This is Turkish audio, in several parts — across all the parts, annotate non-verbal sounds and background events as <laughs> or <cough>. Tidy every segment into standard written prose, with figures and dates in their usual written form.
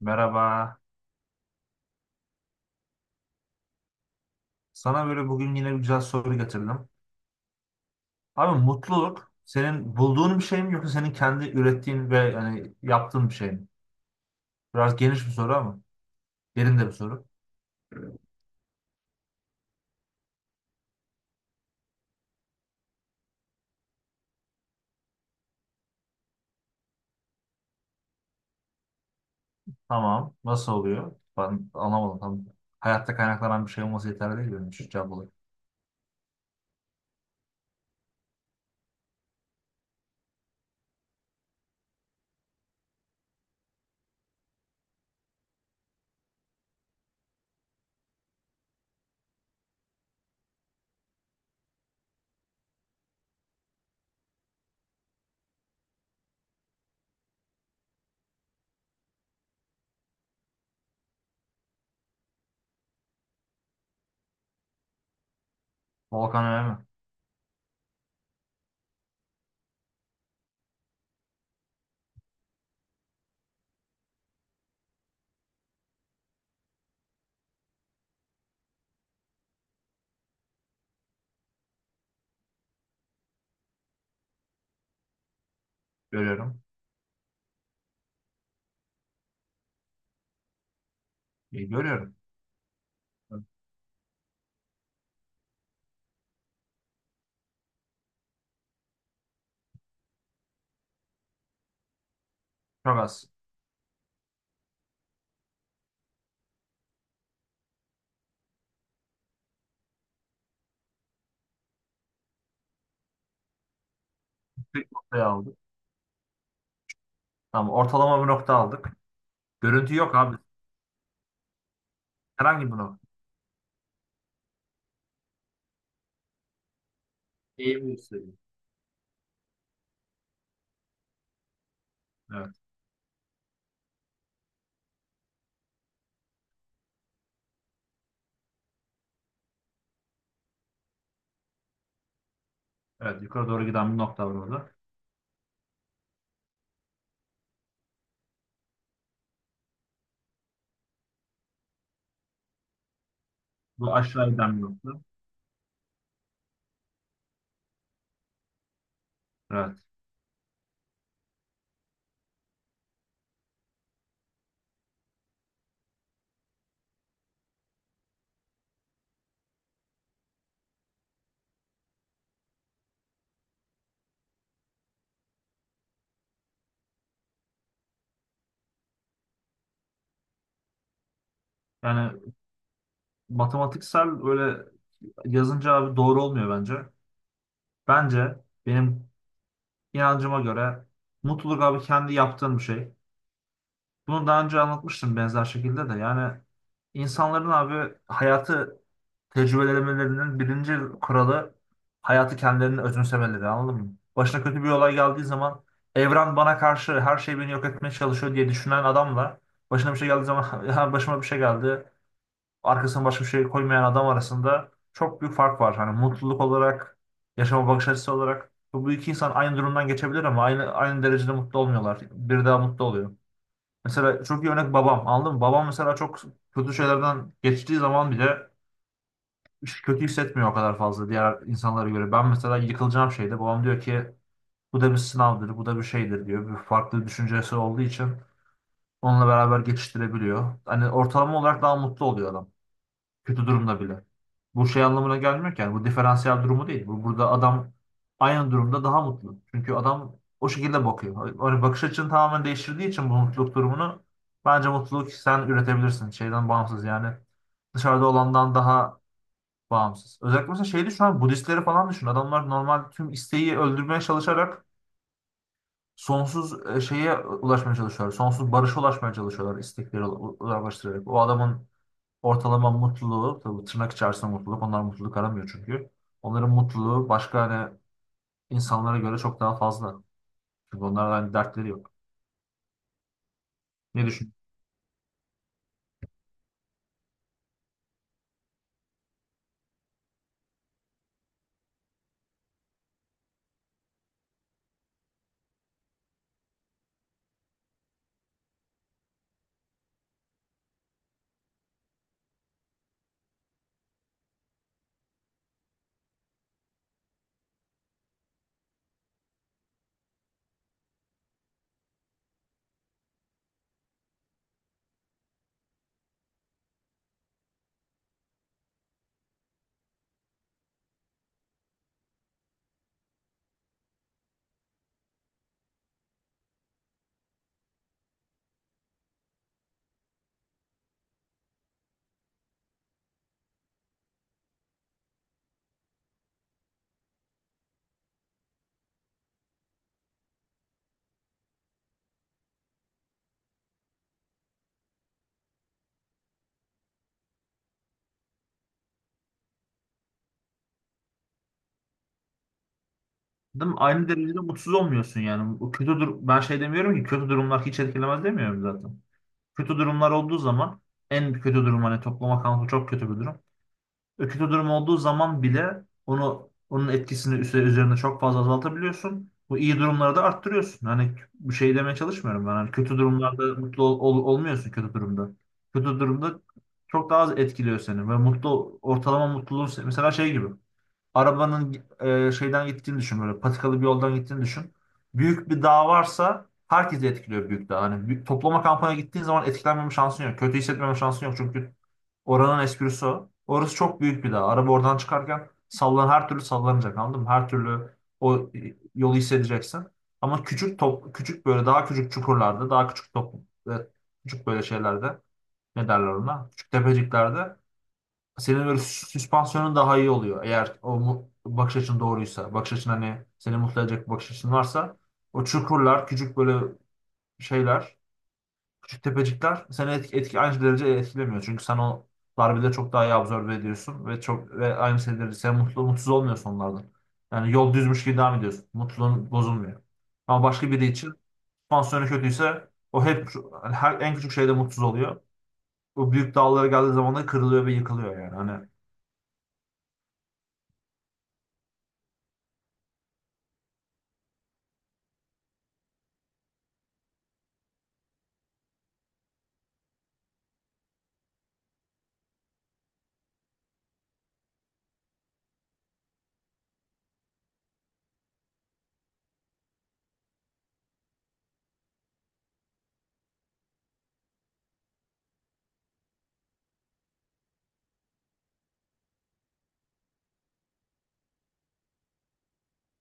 Merhaba. Sana böyle bugün yine bir güzel soru getirdim. Abi mutluluk senin bulduğun bir şey mi yoksa senin kendi ürettiğin ve hani yaptığın bir şey mi? Biraz geniş bir soru ama derin de bir soru. Tamam. Nasıl oluyor? Ben anlamadım. Tam hayatta kaynaklanan bir şey olması yeterli değil benim için cevap olarak. Volkan öyle mi? Görüyorum. Görüyorum. Çok az. Bir noktayı aldık. Tamam. Ortalama bir nokta aldık. Görüntü yok abi. Herhangi bir nokta. Eğimi gösteriyor. Evet. Evet. Yukarı doğru giden bir nokta var orada. Bu aşağı giden bir nokta. Evet. Yani matematiksel öyle yazınca abi doğru olmuyor bence. Bence benim inancıma göre mutluluk abi kendi yaptığın bir şey. Bunu daha önce anlatmıştım benzer şekilde de. Yani insanların abi hayatı tecrübelemelerinin birinci kuralı hayatı kendilerini özümsemeleri anladın mı? Başına kötü bir olay geldiği zaman evren bana karşı her şey beni yok etmeye çalışıyor diye düşünen adamla başına bir şey geldiği zaman <laughs> "Ya başıma bir şey geldi, arkasına başka bir şey koymayan adam arasında çok büyük fark var. Hani mutluluk olarak, yaşama bakış açısı olarak. Bu iki insan aynı durumdan geçebilir ama aynı derecede mutlu olmuyorlar. Biri daha mutlu oluyor. Mesela çok iyi örnek babam. Anladın mı? Babam mesela çok kötü şeylerden geçtiği zaman bile hiç kötü hissetmiyor o kadar fazla diğer insanlara göre. Ben mesela yıkılacağım şeyde babam diyor ki bu da bir sınavdır, bu da bir şeydir diyor. Bir farklı düşüncesi olduğu için onunla beraber geçiştirebiliyor. Hani ortalama olarak daha mutlu oluyor adam. Kötü durumda bile. Bu şey anlamına gelmiyor ki. Yani bu diferansiyel durumu değil. Bu burada adam aynı durumda daha mutlu. Çünkü adam o şekilde bakıyor. Hani bakış açını tamamen değiştirdiği için bu mutluluk durumunu bence mutluluk sen üretebilirsin. Şeyden bağımsız yani. Dışarıda olandan daha bağımsız. Özellikle mesela şeydi şu an Budistleri falan düşün. Adamlar normal tüm isteği öldürmeye çalışarak sonsuz şeye ulaşmaya çalışıyorlar. Sonsuz barışa ulaşmaya çalışıyorlar istekleri uzaklaştırarak. O adamın ortalama mutluluğu, tabii tırnak içerisinde mutluluk, onlar mutluluk aramıyor çünkü. Onların mutluluğu başka hani insanlara göre çok daha fazla. Çünkü onların hani dertleri yok. Ne düşün? Değil mi? Aynı derecede mutsuz olmuyorsun yani. Bu kötü dur ben şey demiyorum ki kötü durumlar hiç etkilemez demiyorum zaten. Kötü durumlar olduğu zaman en kötü durum hani toplama kampı çok kötü bir durum. Kötü durum olduğu zaman bile onun etkisini üzerine çok fazla azaltabiliyorsun. Bu iyi durumları da arttırıyorsun. Hani bu şey demeye çalışmıyorum ben. Hani kötü durumlarda mutlu olmuyorsun kötü durumda. Kötü durumda çok daha az etkiliyor seni ve mutlu ortalama mutluluğun mesela şey gibi. Arabanın şeyden gittiğini düşün böyle patikalı bir yoldan gittiğini düşün. Büyük bir dağ varsa herkesi etkiliyor büyük dağ. Hani bir toplama kampına gittiğin zaman etkilenmeme şansın yok. Kötü hissetmeme şansın yok, çünkü oranın esprisi o. Orası çok büyük bir dağ. Araba oradan çıkarken sallan her türlü sallanacak anladın mı? Her türlü o yolu hissedeceksin. Ama küçük top, küçük böyle daha küçük çukurlarda, daha küçük top, e, küçük böyle şeylerde ne derler ona? Küçük tepeciklerde senin böyle süspansiyonun daha iyi oluyor. Eğer o bakış açın doğruysa, bakış açın hani seni mutlu edecek bir bakış açın varsa o çukurlar, küçük böyle şeyler. Küçük tepecikler seni etki, etki aynı derece etkilemiyor. Çünkü sen o darbeleri çok daha iyi absorbe ediyorsun ve aynı şeyleri sen mutlu mutsuz olmuyorsun onlardan. Yani yol düzmüş gibi devam ediyorsun. Mutluluğun bozulmuyor. Ama başka biri için pansiyonu kötüyse o hep yani her en küçük şeyde mutsuz oluyor. O büyük dağlara geldiği zaman da kırılıyor ve yıkılıyor yani. Hani,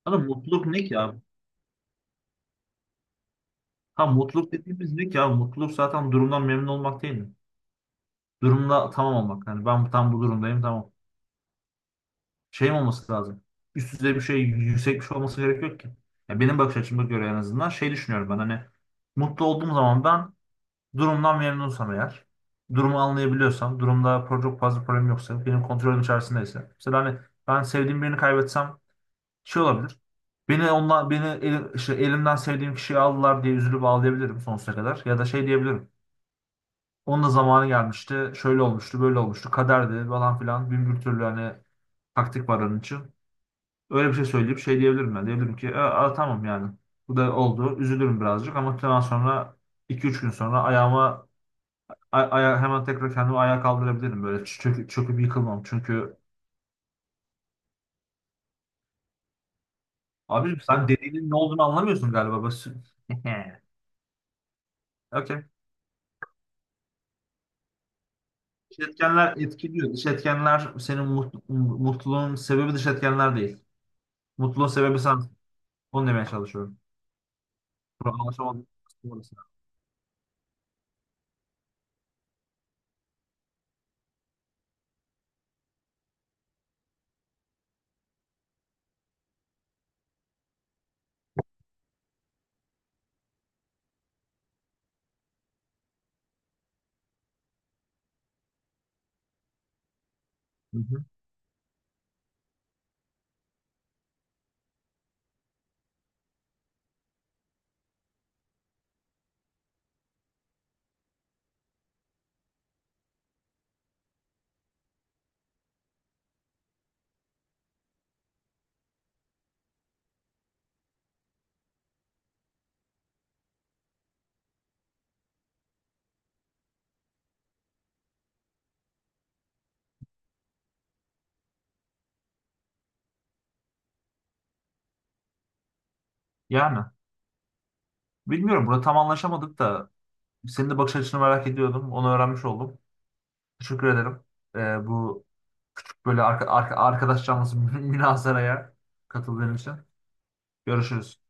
hani mutluluk ne ki abi? Ha mutluluk dediğimiz ne ki abi? Mutluluk zaten durumdan memnun olmak değil mi? Durumda tamam olmak. Yani ben tam bu durumdayım tamam. Şey mi olması lazım? Üst düzey bir şey, yüksek bir şey olması gerek yok ki. Ya benim bakış açıma göre en azından şey düşünüyorum ben hani mutlu olduğum zaman ben durumdan memnunsam eğer, durumu anlayabiliyorsam, durumda çok fazla problem yoksa, benim kontrolüm içerisindeyse. Mesela hani ben sevdiğim birini kaybetsem şey olabilir. Beni ondan beni işte elimden sevdiğim kişiyi aldılar diye üzülüp ağlayabilirim sonsuza kadar. Ya da şey diyebilirim. Onun da zamanı gelmişti. Şöyle olmuştu, böyle olmuştu. Kaderdi falan filan. Bin bir türlü hani taktik var onun için. Öyle bir şey söyleyip şey diyebilirim ben. Diyebilirim ki "Tamam yani. Bu da oldu. Üzülürüm birazcık ama ondan sonra 2-3 gün sonra ayağıma hemen tekrar kendimi ayağa kaldırabilirim. Böyle çöküp yıkılmam. Çünkü abi sen dediğinin ne olduğunu anlamıyorsun galiba. Basın. <laughs> Okey. Dış etkenler etkiliyor. Dış etkenler senin mutluluğun sebebi dış etkenler değil. Mutluluğun sebebi sen. Onu demeye çalışıyorum. Bunu anlaşamadık. Hı hı. Yani bilmiyorum. Burada tam anlaşamadık da, senin de bakış açını merak ediyordum. Onu öğrenmiş oldum. Teşekkür ederim. Bu böyle arkadaş canlısı <laughs> münazaraya katıldığın için. Görüşürüz.